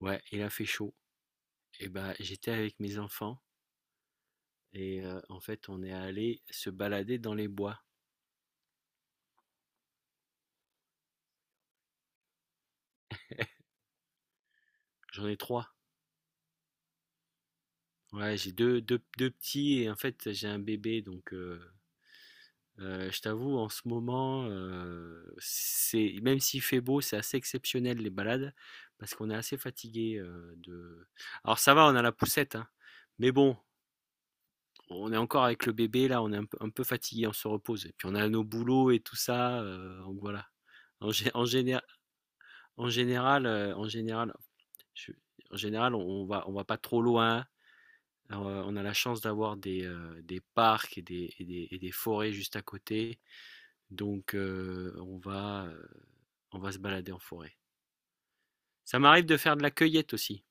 Ouais, il a fait chaud. J'étais avec mes enfants et en fait, on est allé se balader dans les bois. J'en ai trois. Ouais, j'ai deux petits et en fait, j'ai un bébé. Donc, je t'avoue, en ce moment, c'est, même s'il fait beau, c'est assez exceptionnel les balades parce qu'on est assez fatigué de. Alors, ça va, on a la poussette, hein, mais bon. On est encore avec le bébé, là, on est un peu fatigué, on se repose. Et puis on a nos boulots et tout ça, donc voilà. En, gé- en général, En général, en général, je en général, on va pas trop loin. Alors, on a la chance d'avoir des parcs et des forêts juste à côté. Donc on va se balader en forêt. Ça m'arrive de faire de la cueillette aussi.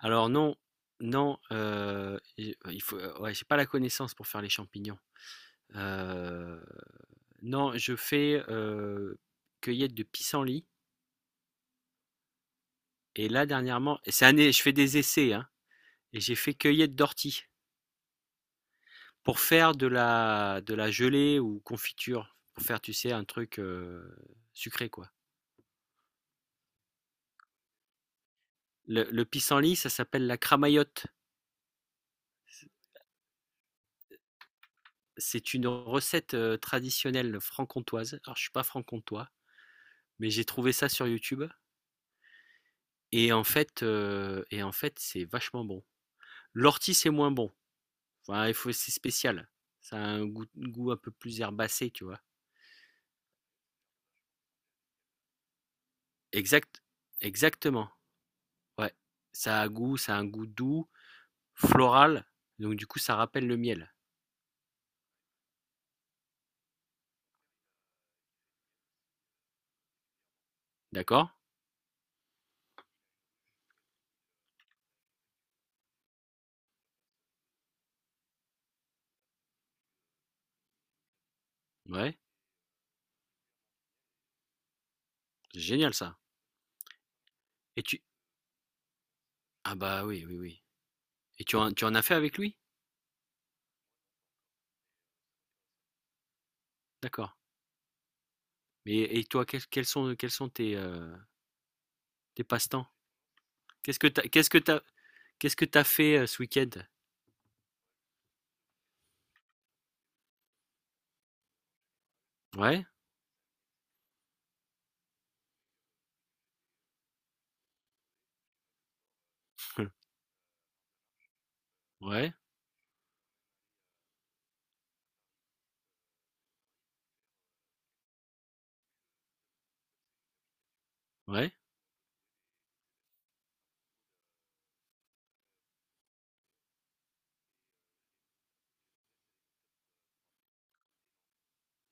Alors non, non, et il faut ouais, j'ai pas la connaissance pour faire les champignons. Heu, non, je fais, cueillette de pissenlit. Et là dernièrement c'est un é je fais des essais, hein. Et j'ai fait cueillette d'ortie pour faire de de la gelée ou confiture, pour faire, tu sais, un truc sucré, quoi. Le pissenlit, ça s'appelle la cramaillotte. C'est une recette traditionnelle franc-comtoise. Alors, je suis pas franc-comtois, mais j'ai trouvé ça sur YouTube. Et en fait, c'est vachement bon. L'ortie, c'est moins bon. Enfin, il faut, c'est spécial. Ça a un goût un peu plus herbacé, tu vois. Exact, exactement. Ouais. Ça a un goût doux, floral, donc du coup, ça rappelle le miel. D'accord? Ouais, c'est génial ça. Et tu... Ah bah oui, oui, oui. Et tu en as fait avec lui? D'accord. Mais et toi, quels sont tes, tes passe-temps? Qu'est-ce que t'as, qu'est-ce que t'as, Qu'est-ce que t'as fait ce week-end? Ouais, ouais, ouais,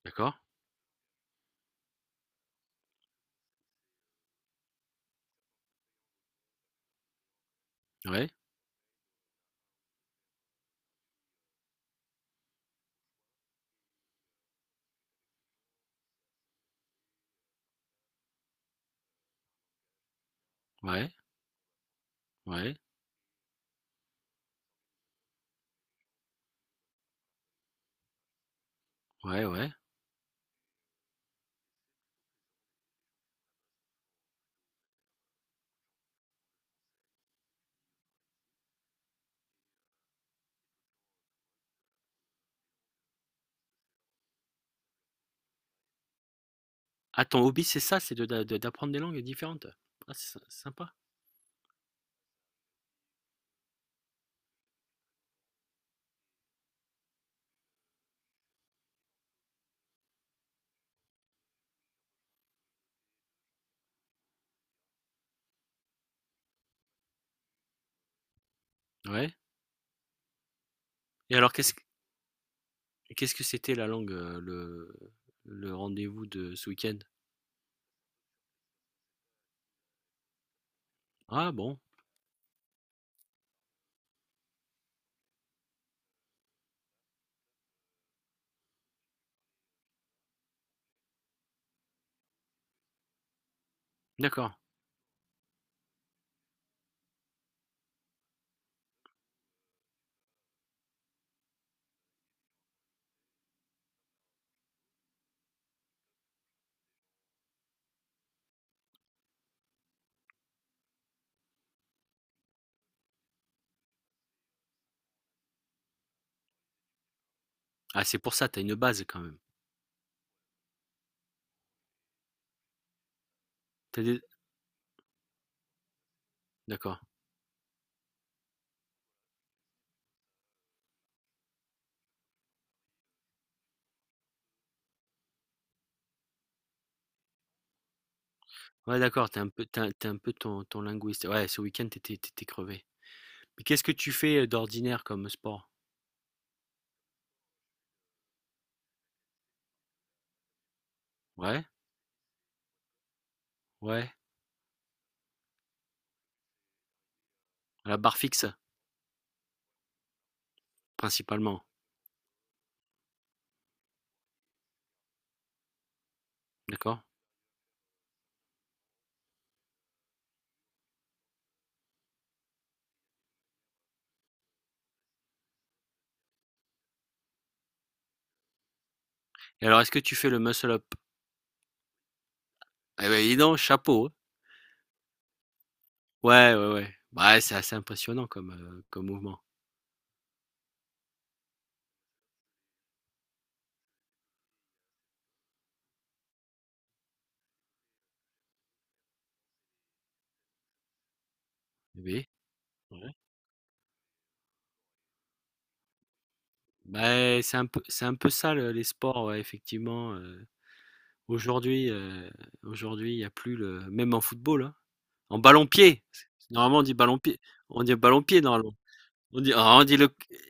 d'accord. Ouais, ouais, ouais, ouais, ouais. Ah, ton hobby, c'est ça, d'apprendre des langues différentes. Ah, sympa. Ouais. Et alors, qu'est-ce que c'était la langue, le rendez-vous de ce week-end? Ah bon, d'accord. Ah, c'est pour ça, t'as une base quand même. T'as des d'accord. Ouais, d'accord. T'es un peu t'es as tu un peu ton ton linguiste. Ouais, ce week-end, t'étais crevé. Mais qu'est-ce que tu fais, d'ordinaire comme sport? Ouais, ouais, à la barre fixe, principalement, d'accord. Et alors, est-ce que tu fais le muscle up? Eh ben, dis donc, chapeau, hein. Ouais, ouais, ouais. Bah, ouais, c'est assez impressionnant comme, comme mouvement. Oui, ouais. Bah, c'est un peu ça le les sports, ouais, effectivement, heu, aujourd'hui, il y a plus le même en football, hein. En ballon-pied. Normalement, on dit ballon-pied. On dit ballon-pied, normalement. On dit, ah, on dit le.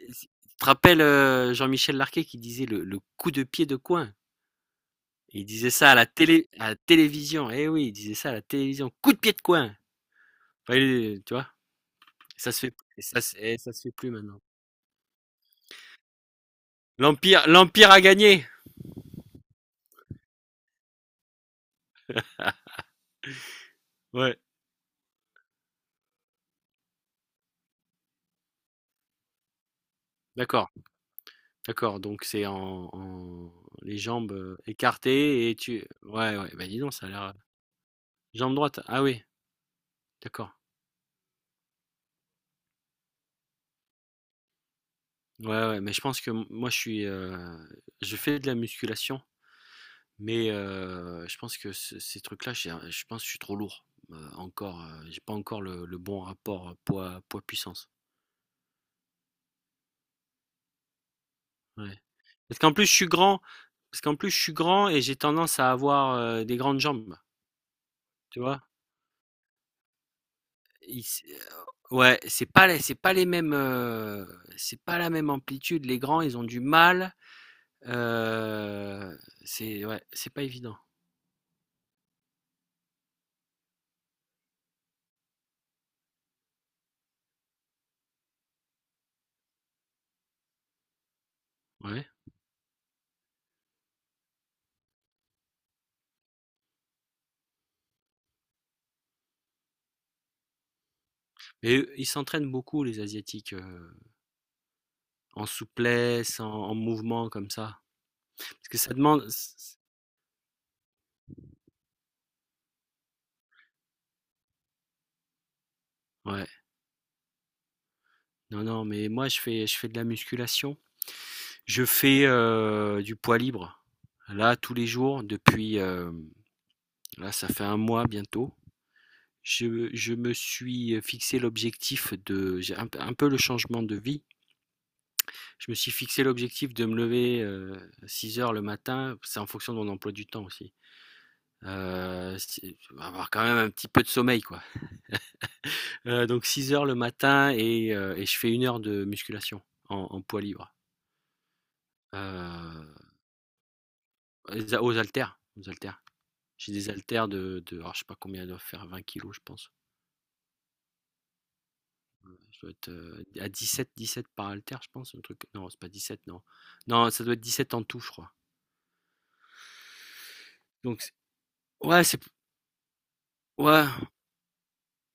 Tu te rappelles Jean-Michel Larquet qui disait le coup de pied de coin. Il disait ça à la télé, à la télévision. Eh oui, il disait ça à la télévision. Coup de pied de coin. Enfin, tu vois, ça se fait, et ça se fait plus maintenant. L'empire a gagné. Ouais. D'accord, d'accord. Donc les jambes écartées et tu. Ouais, ouais. Bah dis donc, ça a l'air. Jambe droite. Ah oui, d'accord. Ouais, ouais, mais je pense que m moi je suis, je fais de la musculation, mais je pense que ce ces trucs-là, j'ai un je pense que je suis trop lourd, encore, j'ai pas encore le bon rapport, poids puissance. Ouais. Parce qu'en plus je suis grand parce qu'en plus je suis grand et j'ai tendance à avoir, des grandes jambes, tu vois? Il s ouais, c'est pas les mêmes, c'est pas la même amplitude. Les grands, ils ont du mal, heu, c'est ouais, c'est pas évident. Ouais. Et ils s'entraînent beaucoup, les Asiatiques, en souplesse, en mouvement comme ça. Parce que ça demande ouais. Non, non, mais moi, je fais de la musculation. Je fais, du poids libre. Là, tous les jours depuis, là, ça fait un mois bientôt. Je me suis fixé l'objectif de j'ai un peu le changement de vie. Je me suis fixé l'objectif de me lever, six heures le matin. C'est en fonction de mon emploi du temps aussi. Si avoir quand même un petit peu de sommeil, quoi. Donc six heures le matin et je fais une heure de musculation en poids libre. Heu, aux haltères, aux haltères. J'ai des haltères de alors je sais pas combien elles doivent faire, 20 kilos je pense. Je dois être, à dix-sept par haltère je pense, un truc non c'est pas 17, non. Non ça doit être 17 en tout je crois. Donc c'est ouais c'est ouais.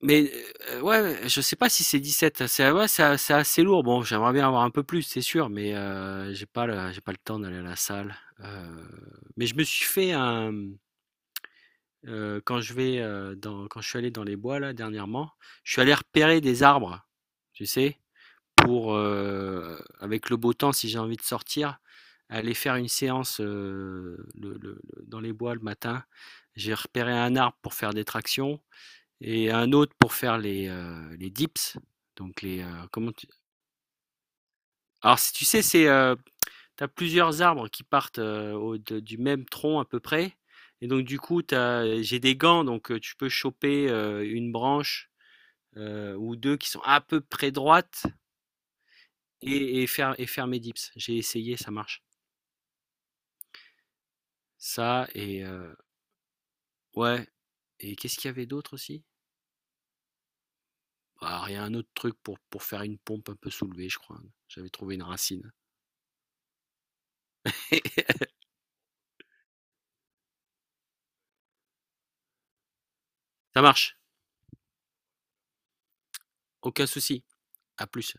Mais, ouais, je sais pas si c'est 17, c'est ouais, c'est assez lourd. Bon, j'aimerais bien avoir un peu plus, c'est sûr, mais, j'ai pas le temps d'aller à la salle. Heu, mais je me suis fait un, mmh, quand je suis allé dans les bois là dernièrement, je suis allé repérer des arbres, tu sais? Pour, avec le beau temps, si j'ai envie de sortir, aller faire une séance, le dans les bois le matin. J'ai repéré un arbre pour faire des tractions et un autre pour faire les dips. Donc les euh, comment tu... Alors si tu sais c'est t'as plusieurs arbres qui partent du même tronc à peu près et donc du coup t'as j'ai des gants donc tu peux choper une branche ou deux qui sont à peu près droites et, et faire mes dips. J'ai essayé ça marche. Ça et ouais et qu'est-ce qu'il y avait d'autre aussi? Alors il y a un autre truc pour faire une pompe un peu soulevée je crois. J'avais trouvé une racine. Ça marche. Aucun souci, à plus.